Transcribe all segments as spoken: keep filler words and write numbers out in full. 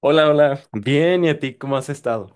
Hola, hola. Bien, ¿y a ti cómo has estado?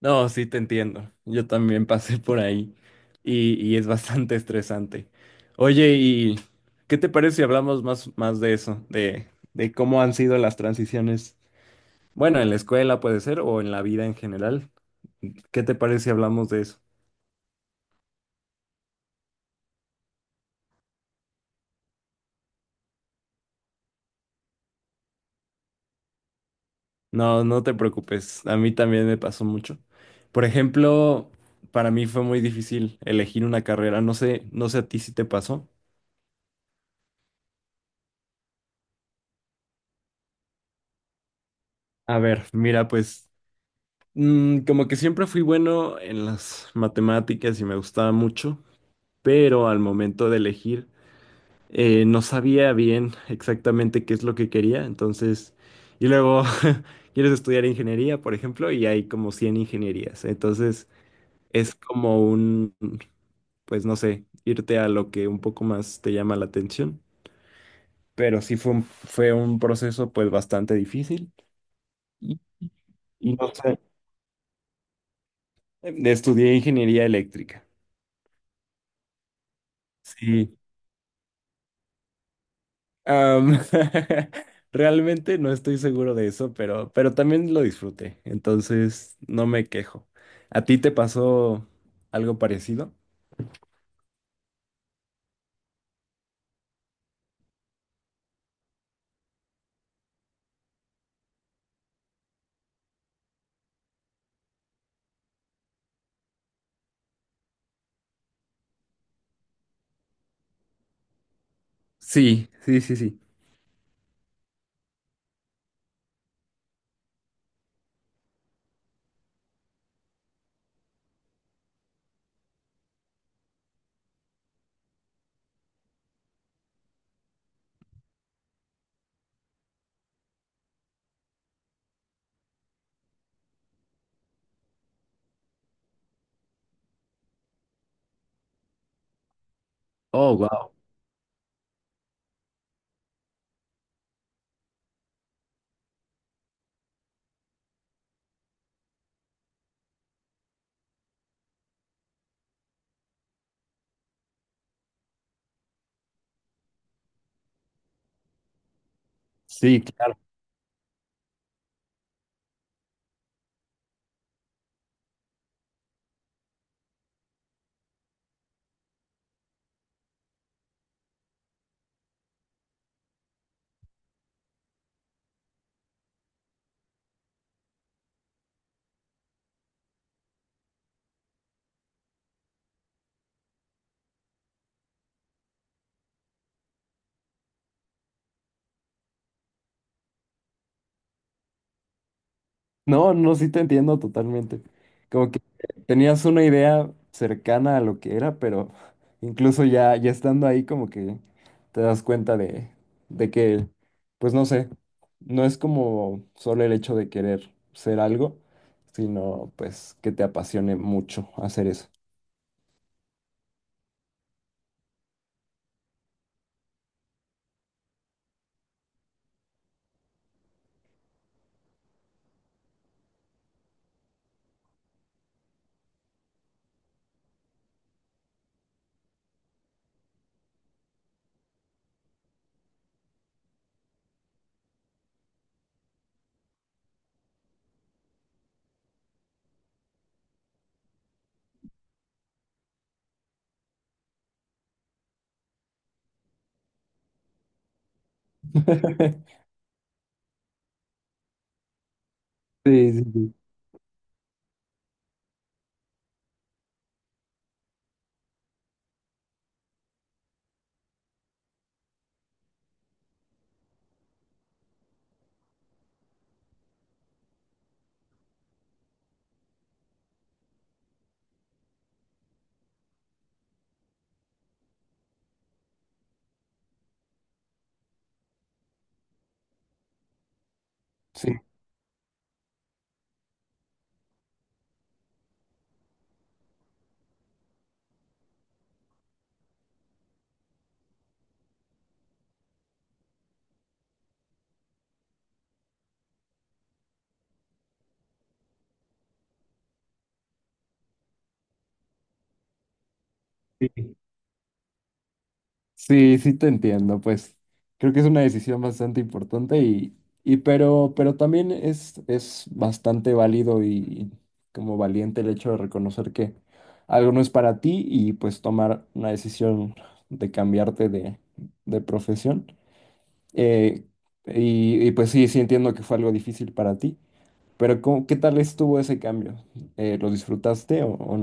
No, sí, te entiendo. Yo también pasé por ahí y, y es bastante estresante. Oye, ¿y qué te parece si hablamos más, más de eso? De, de cómo han sido las transiciones. Bueno, en la escuela puede ser o en la vida en general. ¿Qué te parece si hablamos de eso? No, no te preocupes. A mí también me pasó mucho. Por ejemplo, para mí fue muy difícil elegir una carrera. No sé, no sé a ti si te pasó. A ver, mira, pues. Mm, como que siempre fui bueno en las matemáticas y me gustaba mucho, pero al momento de elegir eh, no sabía bien exactamente qué es lo que quería, entonces, y luego quieres estudiar ingeniería, por ejemplo, y hay como cien ingenierías, entonces es como un, pues no sé, irte a lo que un poco más te llama la atención, pero sí fue un, fue un proceso pues bastante difícil y, y no sé, estudié ingeniería eléctrica. Sí, Am, realmente no estoy seguro de eso, pero, pero también lo disfruté, entonces no me quejo. ¿A ti te pasó algo parecido? Sí, sí, sí, sí. Oh, wow. Sí, claro. No, no, sí te entiendo totalmente. Como que tenías una idea cercana a lo que era, pero incluso ya, ya estando ahí, como que te das cuenta de, de que, pues no sé, no es como solo el hecho de querer ser algo, sino pues que te apasione mucho hacer eso. Sí, sí, sí. Sí. Sí, sí te entiendo, pues creo que es una decisión bastante importante y, y pero, pero también es, es bastante válido y como valiente el hecho de reconocer que algo no es para ti y pues tomar una decisión de cambiarte de, de profesión. Eh, y, y, pues sí, sí entiendo que fue algo difícil para ti, pero ¿cómo- qué tal estuvo ese cambio? Eh, ¿lo disfrutaste o, o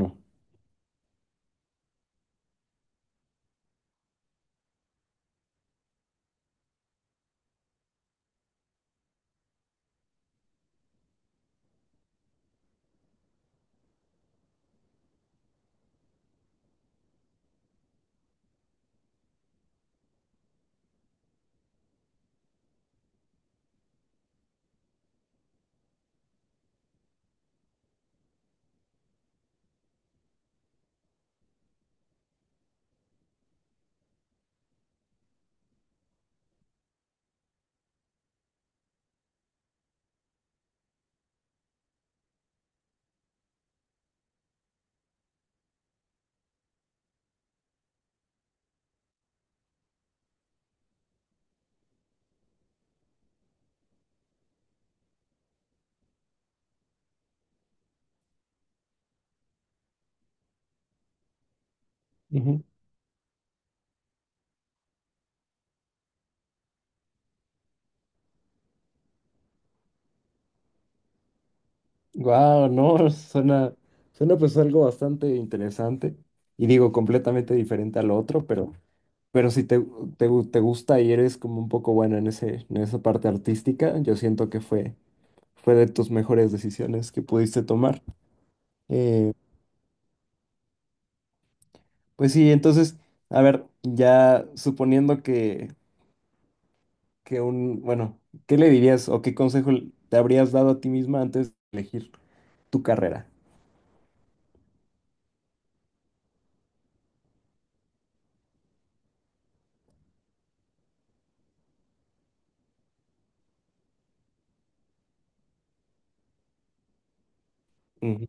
no? Wow, no, suena, suena pues algo bastante interesante y digo completamente diferente al otro, pero, pero si te, te, gu- te gusta y eres como un poco buena en ese, en esa parte artística, yo siento que fue, fue de tus mejores decisiones que pudiste tomar. Eh, pues sí, entonces, a ver, ya suponiendo que, que un, bueno, ¿qué le dirías o qué consejo te habrías dado a ti misma antes de elegir tu carrera? Ujú.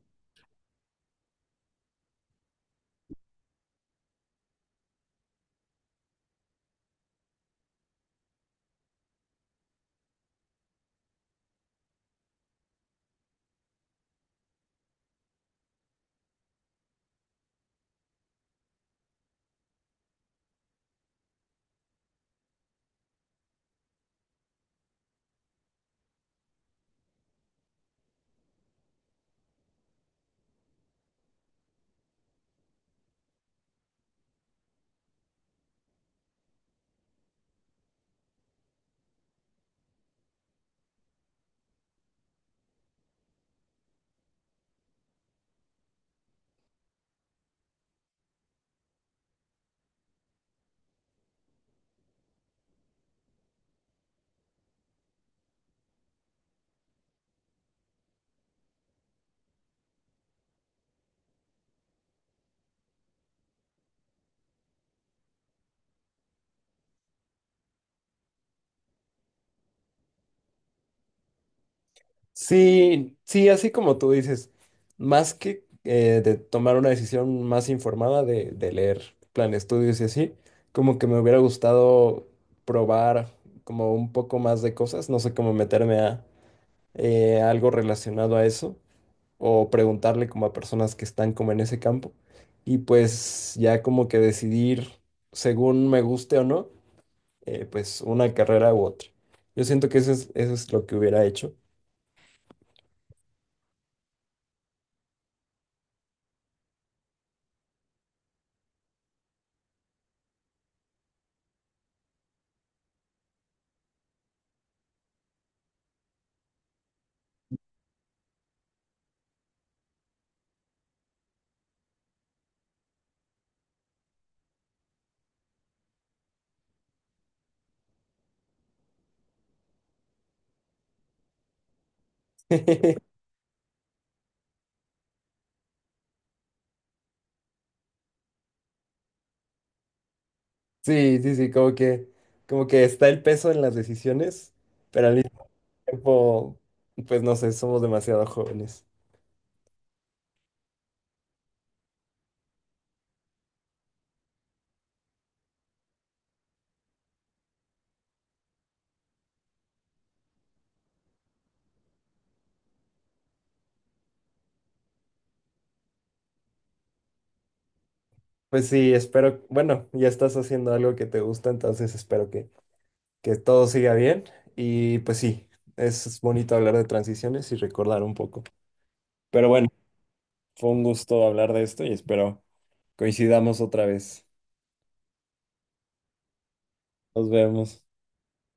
Sí, sí, así como tú dices, más que eh, de tomar una decisión más informada de, de leer plan de estudios y así, como que me hubiera gustado probar como un poco más de cosas, no sé cómo meterme a, eh, algo relacionado a eso o preguntarle como a personas que están como en ese campo y pues ya como que decidir según me guste o no, eh, pues una carrera u otra. Yo siento que eso es, eso es lo que hubiera hecho. Sí, sí, sí, como que, como que está el peso en las decisiones, pero al mismo tiempo, pues no sé, somos demasiado jóvenes. Pues sí, espero, bueno, ya estás haciendo algo que te gusta, entonces espero que... que todo siga bien. Y pues sí, es bonito hablar de transiciones y recordar un poco. Pero bueno, fue un gusto hablar de esto y espero coincidamos otra vez. Nos vemos.